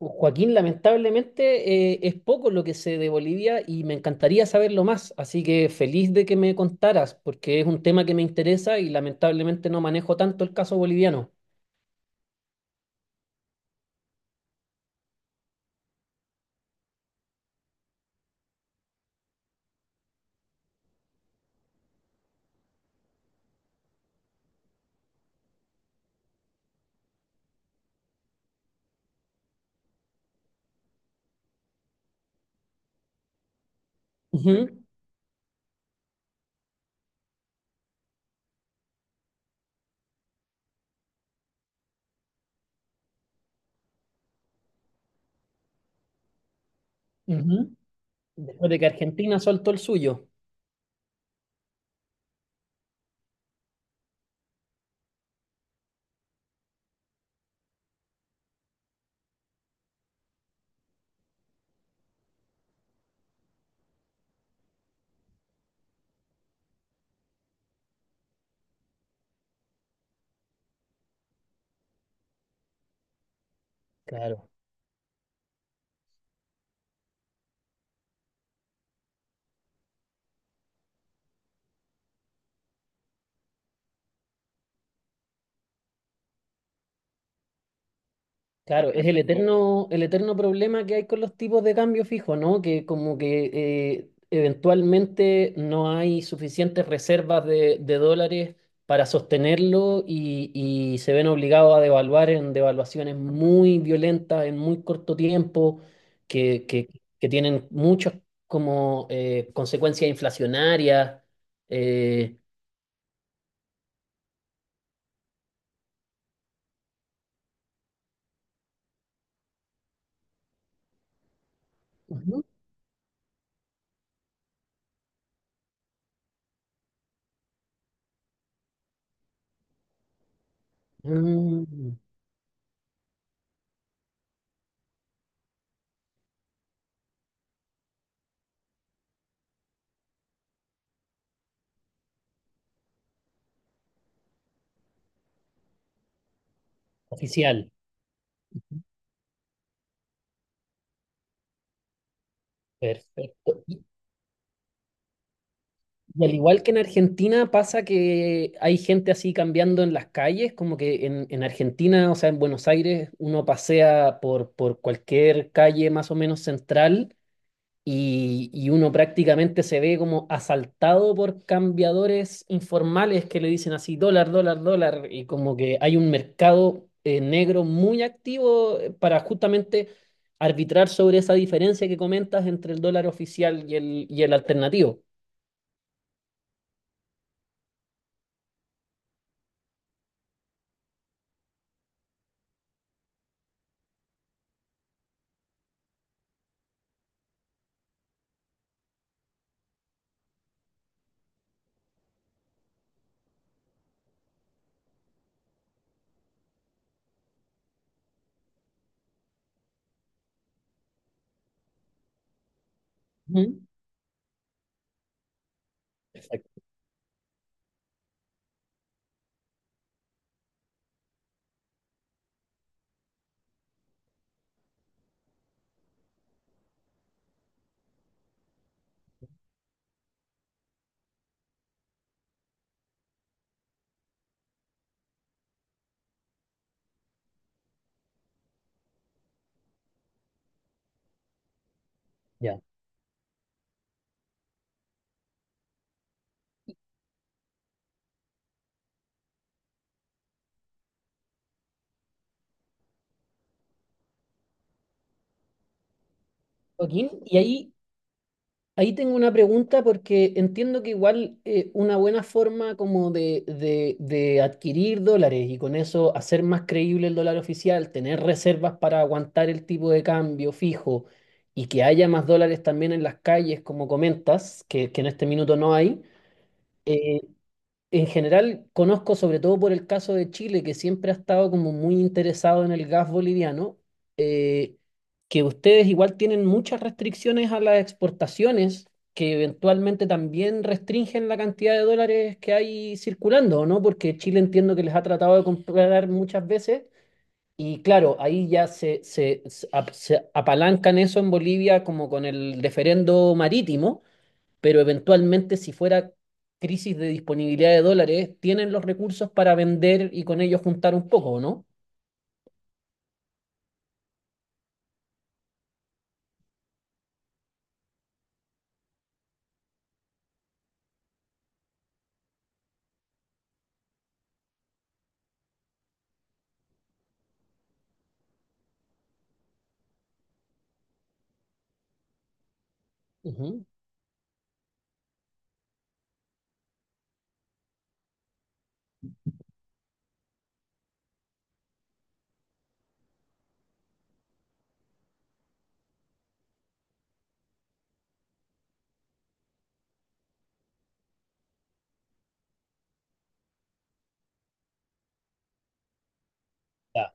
Joaquín, lamentablemente es poco lo que sé de Bolivia y me encantaría saberlo más, así que feliz de que me contaras, porque es un tema que me interesa y lamentablemente no manejo tanto el caso boliviano. Ujú, ujú. Después de que Argentina soltó el suyo. Claro. Claro, es el eterno problema que hay con los tipos de cambio fijo, ¿no? Que como que eventualmente no hay suficientes reservas de dólares para sostenerlo y se ven obligados a devaluar en devaluaciones muy violentas en muy corto tiempo, que, que- que tienen muchas como consecuencias inflacionarias. eh, Ujú. Mm, oficial. Perfecto. Y al igual que en Argentina pasa que hay gente así cambiando en las calles, como que en Argentina, o sea, en Buenos Aires, uno pasea por cualquier calle más o menos central y uno prácticamente se ve como asaltado por cambiadores informales que le dicen así, dólar, dólar, dólar, y como que hay un mercado negro muy activo para justamente arbitrar sobre esa diferencia que comentas entre el dólar oficial y el alternativo. Ujú. Ya. Joaquín, y ahí tengo una pregunta porque entiendo que igual una buena forma como de adquirir dólares y con eso hacer más creíble el dólar oficial, tener reservas para aguantar el tipo de cambio fijo y que haya más dólares también en las calles, como comentas, que en este minuto no hay. eh, En general, conozco sobre todo por el caso de Chile, que siempre ha estado como muy interesado en el gas boliviano, eh, que ustedes igual tienen muchas restricciones a las exportaciones, que eventualmente también restringen la cantidad de dólares que hay circulando, ¿o no? Porque Chile entiendo que les ha tratado de comprar muchas veces. Y claro, ahí ya se apalancan eso en Bolivia como con el referendo marítimo, pero eventualmente si fuera crisis de disponibilidad de dólares, tienen los recursos para vender y con ellos juntar un poco, ¿no? Ujú. Ya.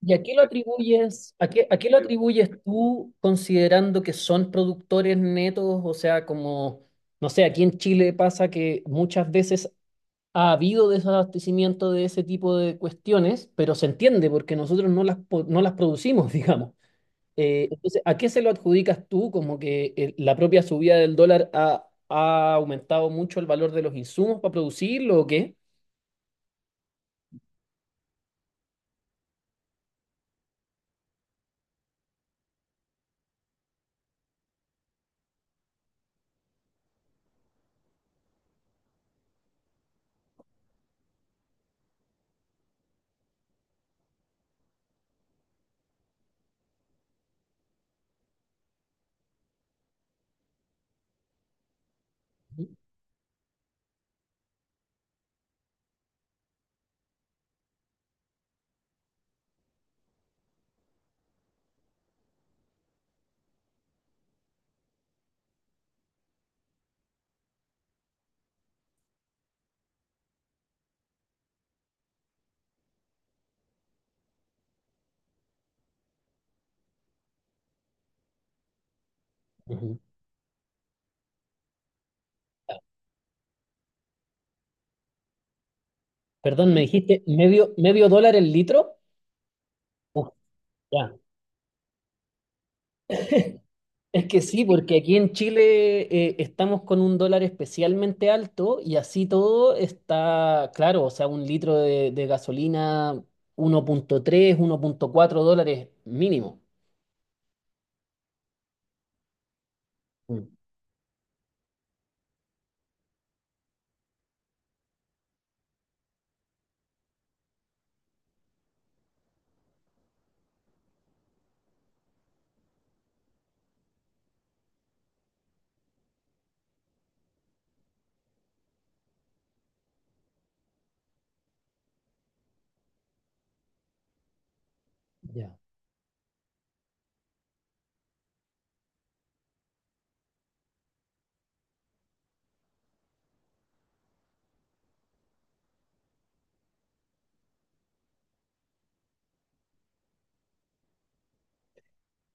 ¿Y a qué lo atribuyes, a qué lo atribuyes tú considerando que son productores netos? O sea, como, no sé, aquí en Chile pasa que muchas veces ha habido desabastecimiento de ese tipo de cuestiones, pero se entiende porque nosotros no las producimos, digamos. Entonces, ¿a qué se lo adjudicas tú? Como que la propia subida del dólar ha aumentado mucho el valor de los insumos para producirlo, ¿o qué? Ujú. Ujú. Perdón, me dijiste medio, medio dólar el litro. Ya. Es que sí, porque aquí en Chile estamos con un dólar especialmente alto y así todo está, claro, o sea, un litro de gasolina 1.3, $1.4 mínimo. Mm. Ya.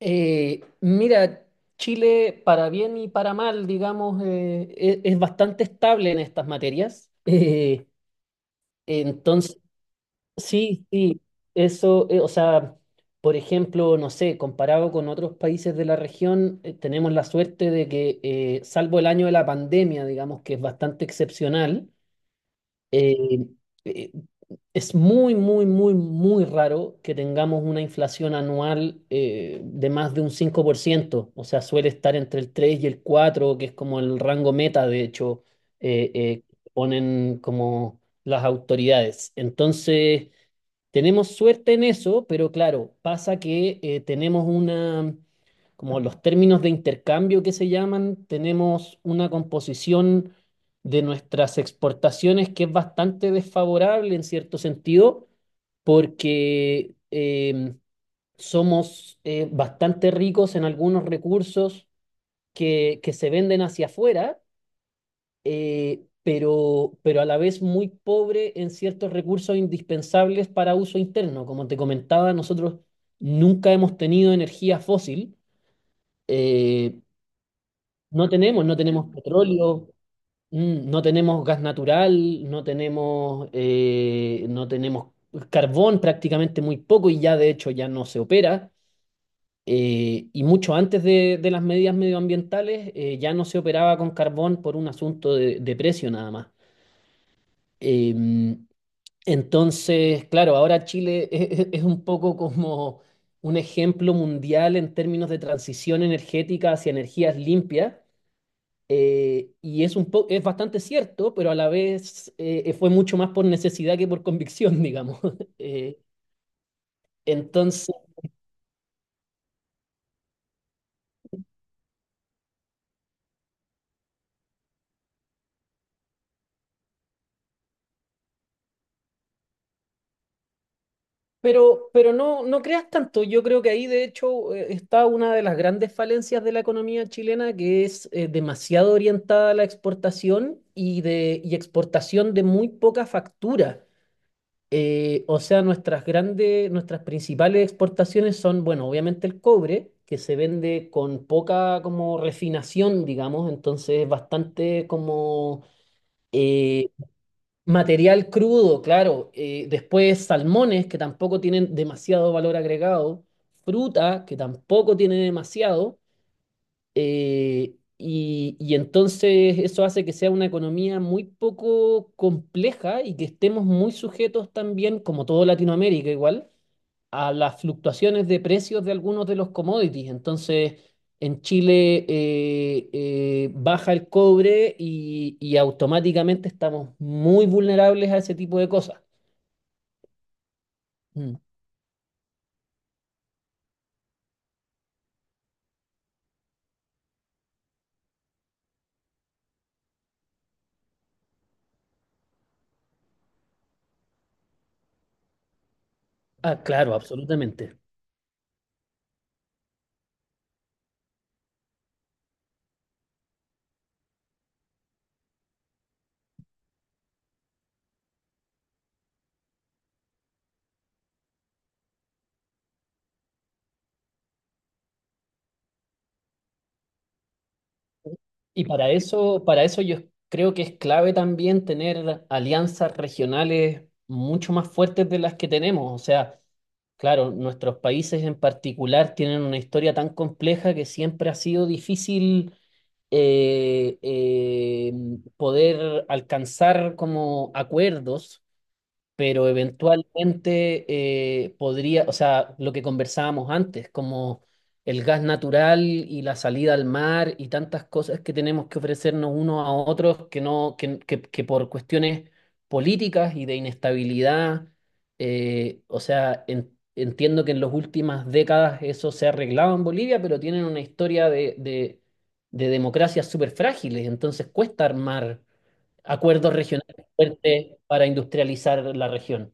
Mira, Chile, para bien y para mal, digamos, es, bastante estable en estas materias. Entonces, sí, sí, eso, o sea, por ejemplo, no sé, comparado con otros países de la región, tenemos la suerte de que, salvo el año de la pandemia, digamos, que es bastante excepcional, eh, eh, es muy, muy, muy, muy raro que tengamos una inflación anual de más de un 5%. O sea, suele estar entre el 3 y el cuatro, que es como el rango meta, de hecho, eh, eh, ponen como las autoridades. Entonces, tenemos suerte en eso, pero claro, pasa que tenemos una como los términos de intercambio que se llaman, tenemos una composición de nuestras exportaciones que es bastante desfavorable en cierto sentido, porque somos bastante ricos en algunos recursos que se venden hacia afuera, pero a la vez muy pobre en ciertos recursos indispensables para uso interno. Como te comentaba, nosotros nunca hemos tenido energía fósil. eh, No tenemos, no tenemos petróleo, no tenemos gas natural, no tenemos carbón, prácticamente muy poco y ya de hecho ya no se opera. Y mucho antes de las medidas medioambientales ya no se operaba con carbón por un asunto de precio nada más. Eh, entonces, claro, ahora Chile es un poco como un ejemplo mundial en términos de transición energética hacia energías limpias. Y es bastante cierto, pero a la vez fue mucho más por necesidad que por convicción, digamos. Eh, entonces, pero no, no creas tanto. Yo creo que ahí, de hecho, está una de las grandes falencias de la economía chilena, que es demasiado orientada a la exportación y exportación de muy poca factura. O sea, nuestras grandes, nuestras principales exportaciones son, bueno, obviamente el cobre, que se vende con poca como refinación, digamos, entonces bastante como eh, material crudo, claro. Después salmones, que tampoco tienen demasiado valor agregado, fruta, que tampoco tiene demasiado. Y entonces eso hace que sea una economía muy poco compleja y que estemos muy sujetos también, como todo Latinoamérica igual, a las fluctuaciones de precios de algunos de los commodities. Entonces, en Chile baja el cobre y automáticamente estamos muy vulnerables a ese tipo de cosas. Mm. Ah, claro, absolutamente. Y para eso yo creo que es clave también tener alianzas regionales mucho más fuertes de las que tenemos. O sea, claro, nuestros países en particular tienen una historia tan compleja que siempre ha sido difícil eh, eh, poder alcanzar como acuerdos, pero eventualmente podría, o sea, lo que conversábamos antes, como el gas natural y la salida al mar y tantas cosas que tenemos que ofrecernos unos a otros, que no, que por cuestiones políticas y de inestabilidad, o sea, entiendo que en las últimas décadas eso se ha arreglado en Bolivia, pero tienen una historia de, de democracias súper frágiles, entonces cuesta armar acuerdos regionales fuertes para industrializar la región.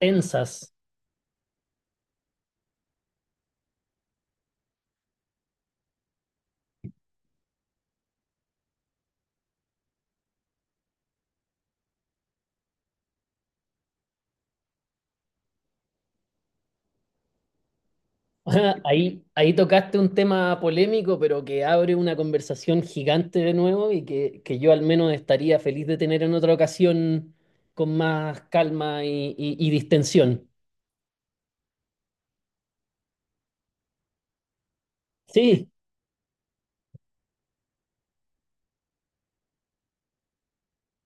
Tensas. Ahí tocaste un tema polémico, pero que abre una conversación gigante de nuevo y que yo al menos estaría feliz de tener en otra ocasión con más calma y distensión. Sí,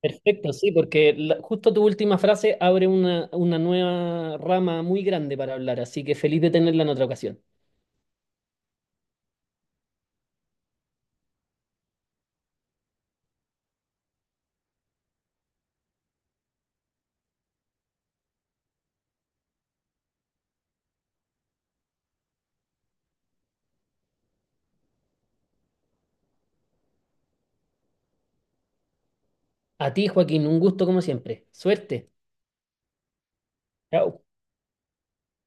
perfecto, sí, porque justo tu última frase abre una, nueva rama muy grande para hablar, así que feliz de tenerla en otra ocasión. A ti, Joaquín, un gusto como siempre. Suerte. Chao.